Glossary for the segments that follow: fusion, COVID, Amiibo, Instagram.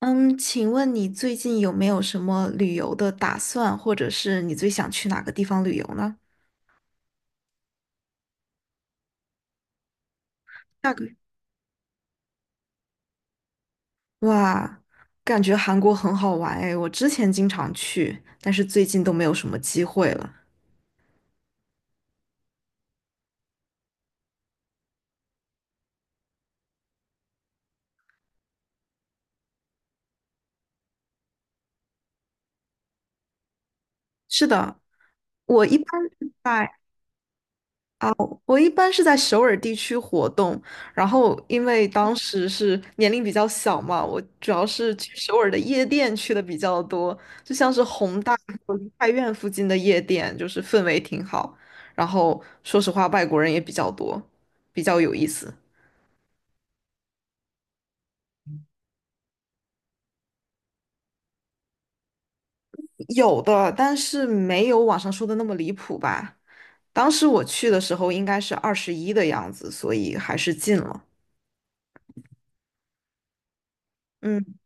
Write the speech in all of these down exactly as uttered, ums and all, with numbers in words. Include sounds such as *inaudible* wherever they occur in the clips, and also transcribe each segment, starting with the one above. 嗯，请问你最近有没有什么旅游的打算，或者是你最想去哪个地方旅游呢？下个月。哇，感觉韩国很好玩哎，我之前经常去，但是最近都没有什么机会了。是的，我一般是在我一般是在首尔地区活动，然后因为当时是年龄比较小嘛，我主要是去首尔的夜店去的比较多，就像是宏大和梨泰院附近的夜店，就是氛围挺好。然后说实话，外国人也比较多，比较有意思。有的，但是没有网上说的那么离谱吧。当时我去的时候应该是二十一的样子，所以还是进了。嗯。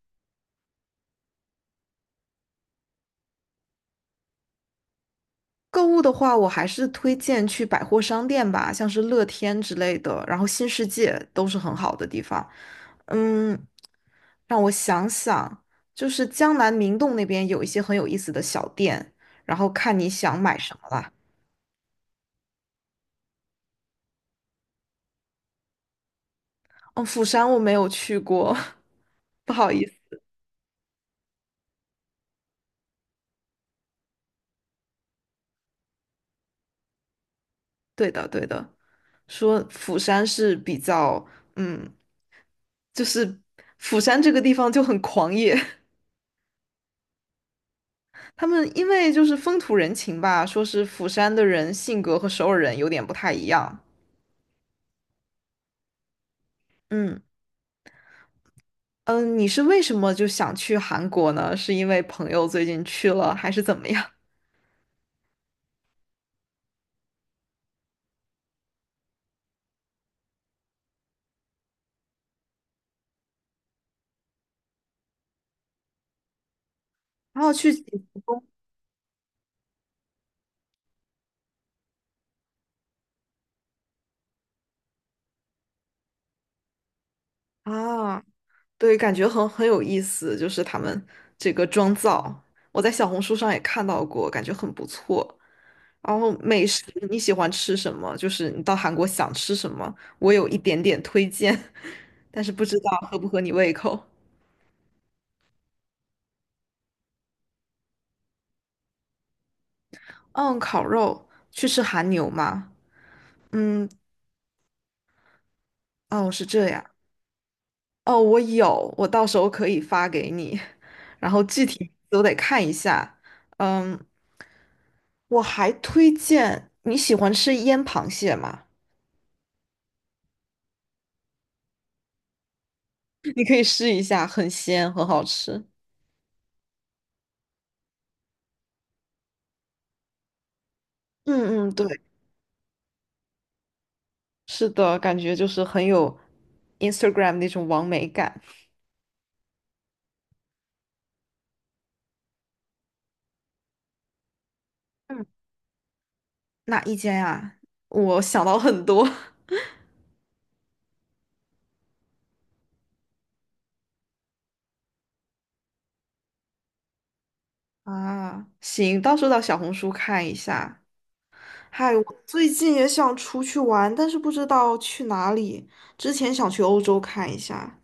购物的话，我还是推荐去百货商店吧，像是乐天之类的，然后新世界都是很好的地方。嗯，让我想想，就是江南明洞那边有一些很有意思的小店，然后看你想买什么啦。哦，釜山我没有去过，*laughs* 不好意思。对的，对的，说釜山是比较，嗯，就是釜山这个地方就很狂野。*laughs* 他们因为就是风土人情吧，说是釜山的人性格和首尔人有点不太一样。嗯嗯，呃你是为什么就想去韩国呢？是因为朋友最近去了，还是怎么样？*laughs* 然后去景福宫啊，对，感觉很很有意思，就是他们这个妆造，我在小红书上也看到过，感觉很不错。然后美食你喜欢吃什么？就是你到韩国想吃什么，我有一点点推荐，*laughs* 但是不知道合不合你胃口。嗯，烤肉去吃韩牛吗？嗯，哦，是这样。哦，我有，我到时候可以发给你。*laughs* 然后具体都得看一下。嗯，我还推荐你喜欢吃腌螃蟹吗？*laughs* 你可以试一下，很鲜，很好吃。嗯嗯，对，是的，感觉就是很有 I n s t a g r a m 那种完美感。嗯，哪一间啊？我想到很多 *laughs* 啊，行，到时候到小红书看一下。嗨，我最近也想出去玩，但是不知道去哪里。之前想去欧洲看一下，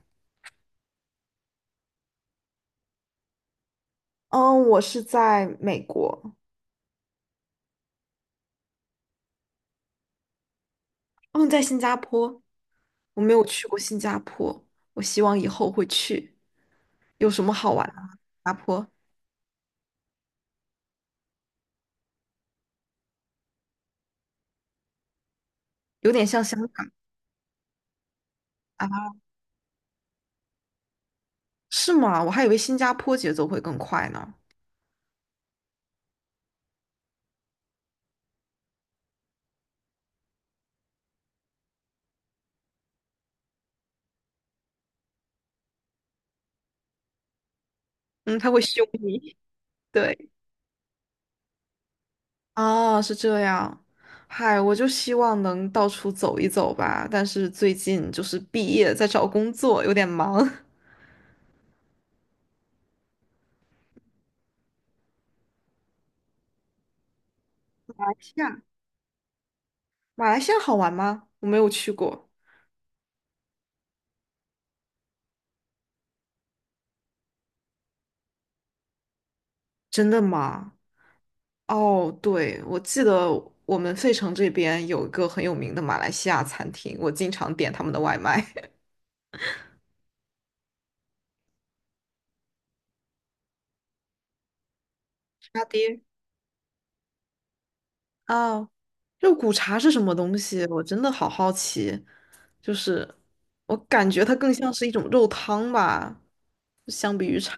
嗯，我是在美国，嗯，在新加坡，我没有去过新加坡，我希望以后会去。有什么好玩的吗新加坡有点像香港啊？是吗？我还以为新加坡节奏会更快呢。嗯，他会凶你。对，啊，是这样。嗨，我就希望能到处走一走吧，但是最近就是毕业，在找工作，有点忙。*laughs* 亚，马来西亚好玩吗？我没有去过。真的吗？哦，对，我记得我们费城这边有一个很有名的马来西亚餐厅，我经常点他们的外卖。*laughs* 沙爹。啊，肉骨茶是什么东西？我真的好好奇。就是我感觉它更像是一种肉汤吧，相比于茶。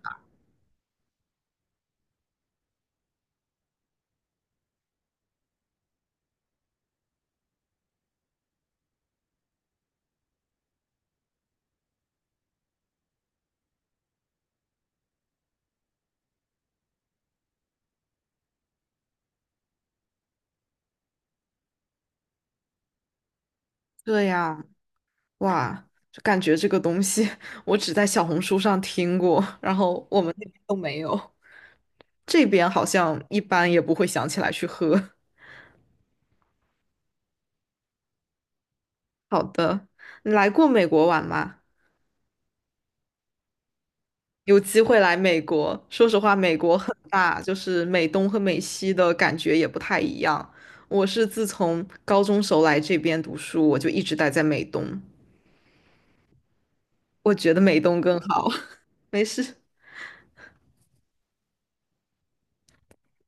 对呀，哇，就感觉这个东西 *laughs* 我只在小红书上听过，然后我们那边都没有。这边好像一般也不会想起来去喝。*laughs* 好的，你来过美国玩吗？有机会来美国，说实话，美国很大，就是美东和美西的感觉也不太一样。我是自从高中时候来这边读书，我就一直待在美东，我觉得美东更好。*laughs* 没事，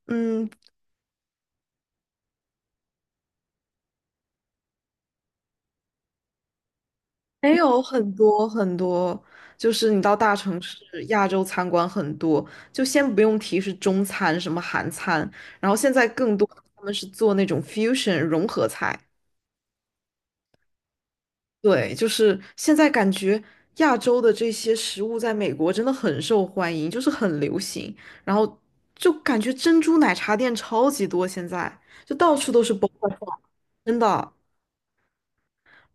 嗯，没有很多很多，就是你到大城市，亚洲餐馆很多，就先不用提是中餐什么韩餐，然后现在更多他们是做那种 fusion 融合菜。对，就是现在感觉亚洲的这些食物在美国真的很受欢迎，就是很流行，然后就感觉珍珠奶茶店超级多，现在就到处都是 b o 真的。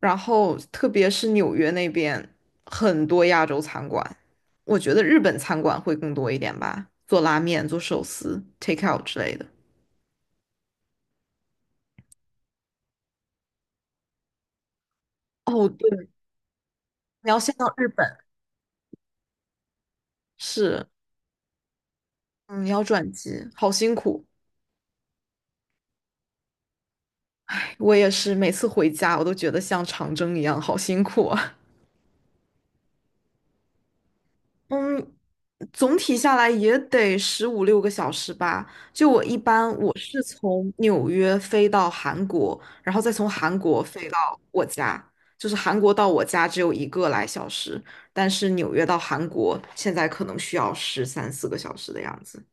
然后特别是纽约那边很多亚洲餐馆，我觉得日本餐馆会更多一点吧，做拉面、做寿司、take out 之类的。哦，对，你要先到日本，是，嗯，你要转机，好辛苦。我也是，每次回家我都觉得像长征一样，好辛苦啊。嗯，总体下来也得十五六个小时吧。就我一般，我是从纽约飞到韩国，然后再从韩国飞到我家。就是韩国到我家只有一个来小时，但是纽约到韩国现在可能需要十三四个小时的样子。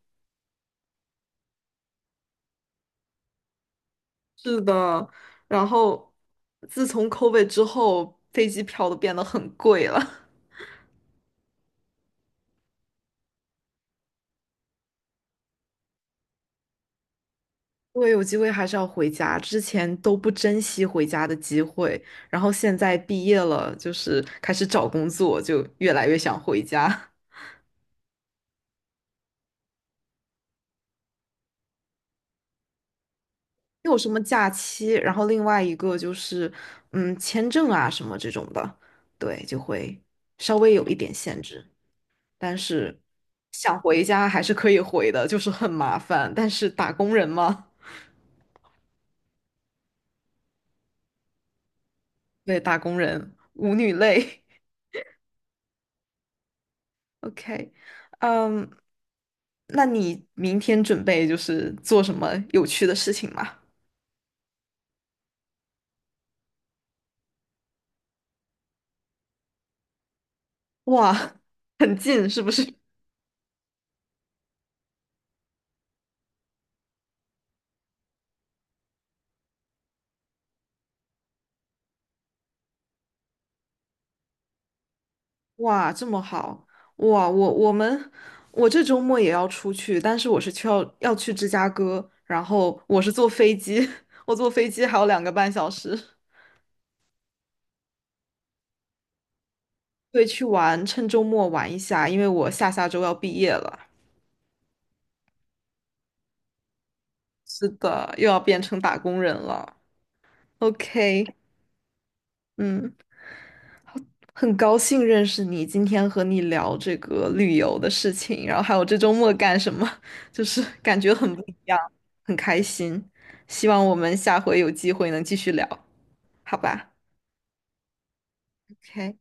是的，然后自从 C O V I D 之后，飞机票都变得很贵了。*laughs* 对，有机会还是要回家，之前都不珍惜回家的机会，然后现在毕业了，就是开始找工作，就越来越想回家。*laughs* 没有什么假期，然后另外一个就是，嗯，签证啊什么这种的，对，就会稍微有一点限制，但是想回家还是可以回的，就是很麻烦，但是打工人嘛，对，打工人，舞女泪。*laughs* OK，嗯。那你明天准备就是做什么有趣的事情吗？哇，很近是不是？哇，这么好！哇，我我们我这周末也要出去，但是我是去要要去芝加哥，然后我是坐飞机，*laughs* 我坐飞机还有两个半小时。对，去玩，趁周末玩一下，因为我下下周要毕业了。是的，又要变成打工人了。OK，嗯，好很高兴认识你，今天和你聊这个旅游的事情，然后还有这周末干什么，*laughs* 就是感觉很不一样，很开心。希望我们下回有机会能继续聊，好吧？OK，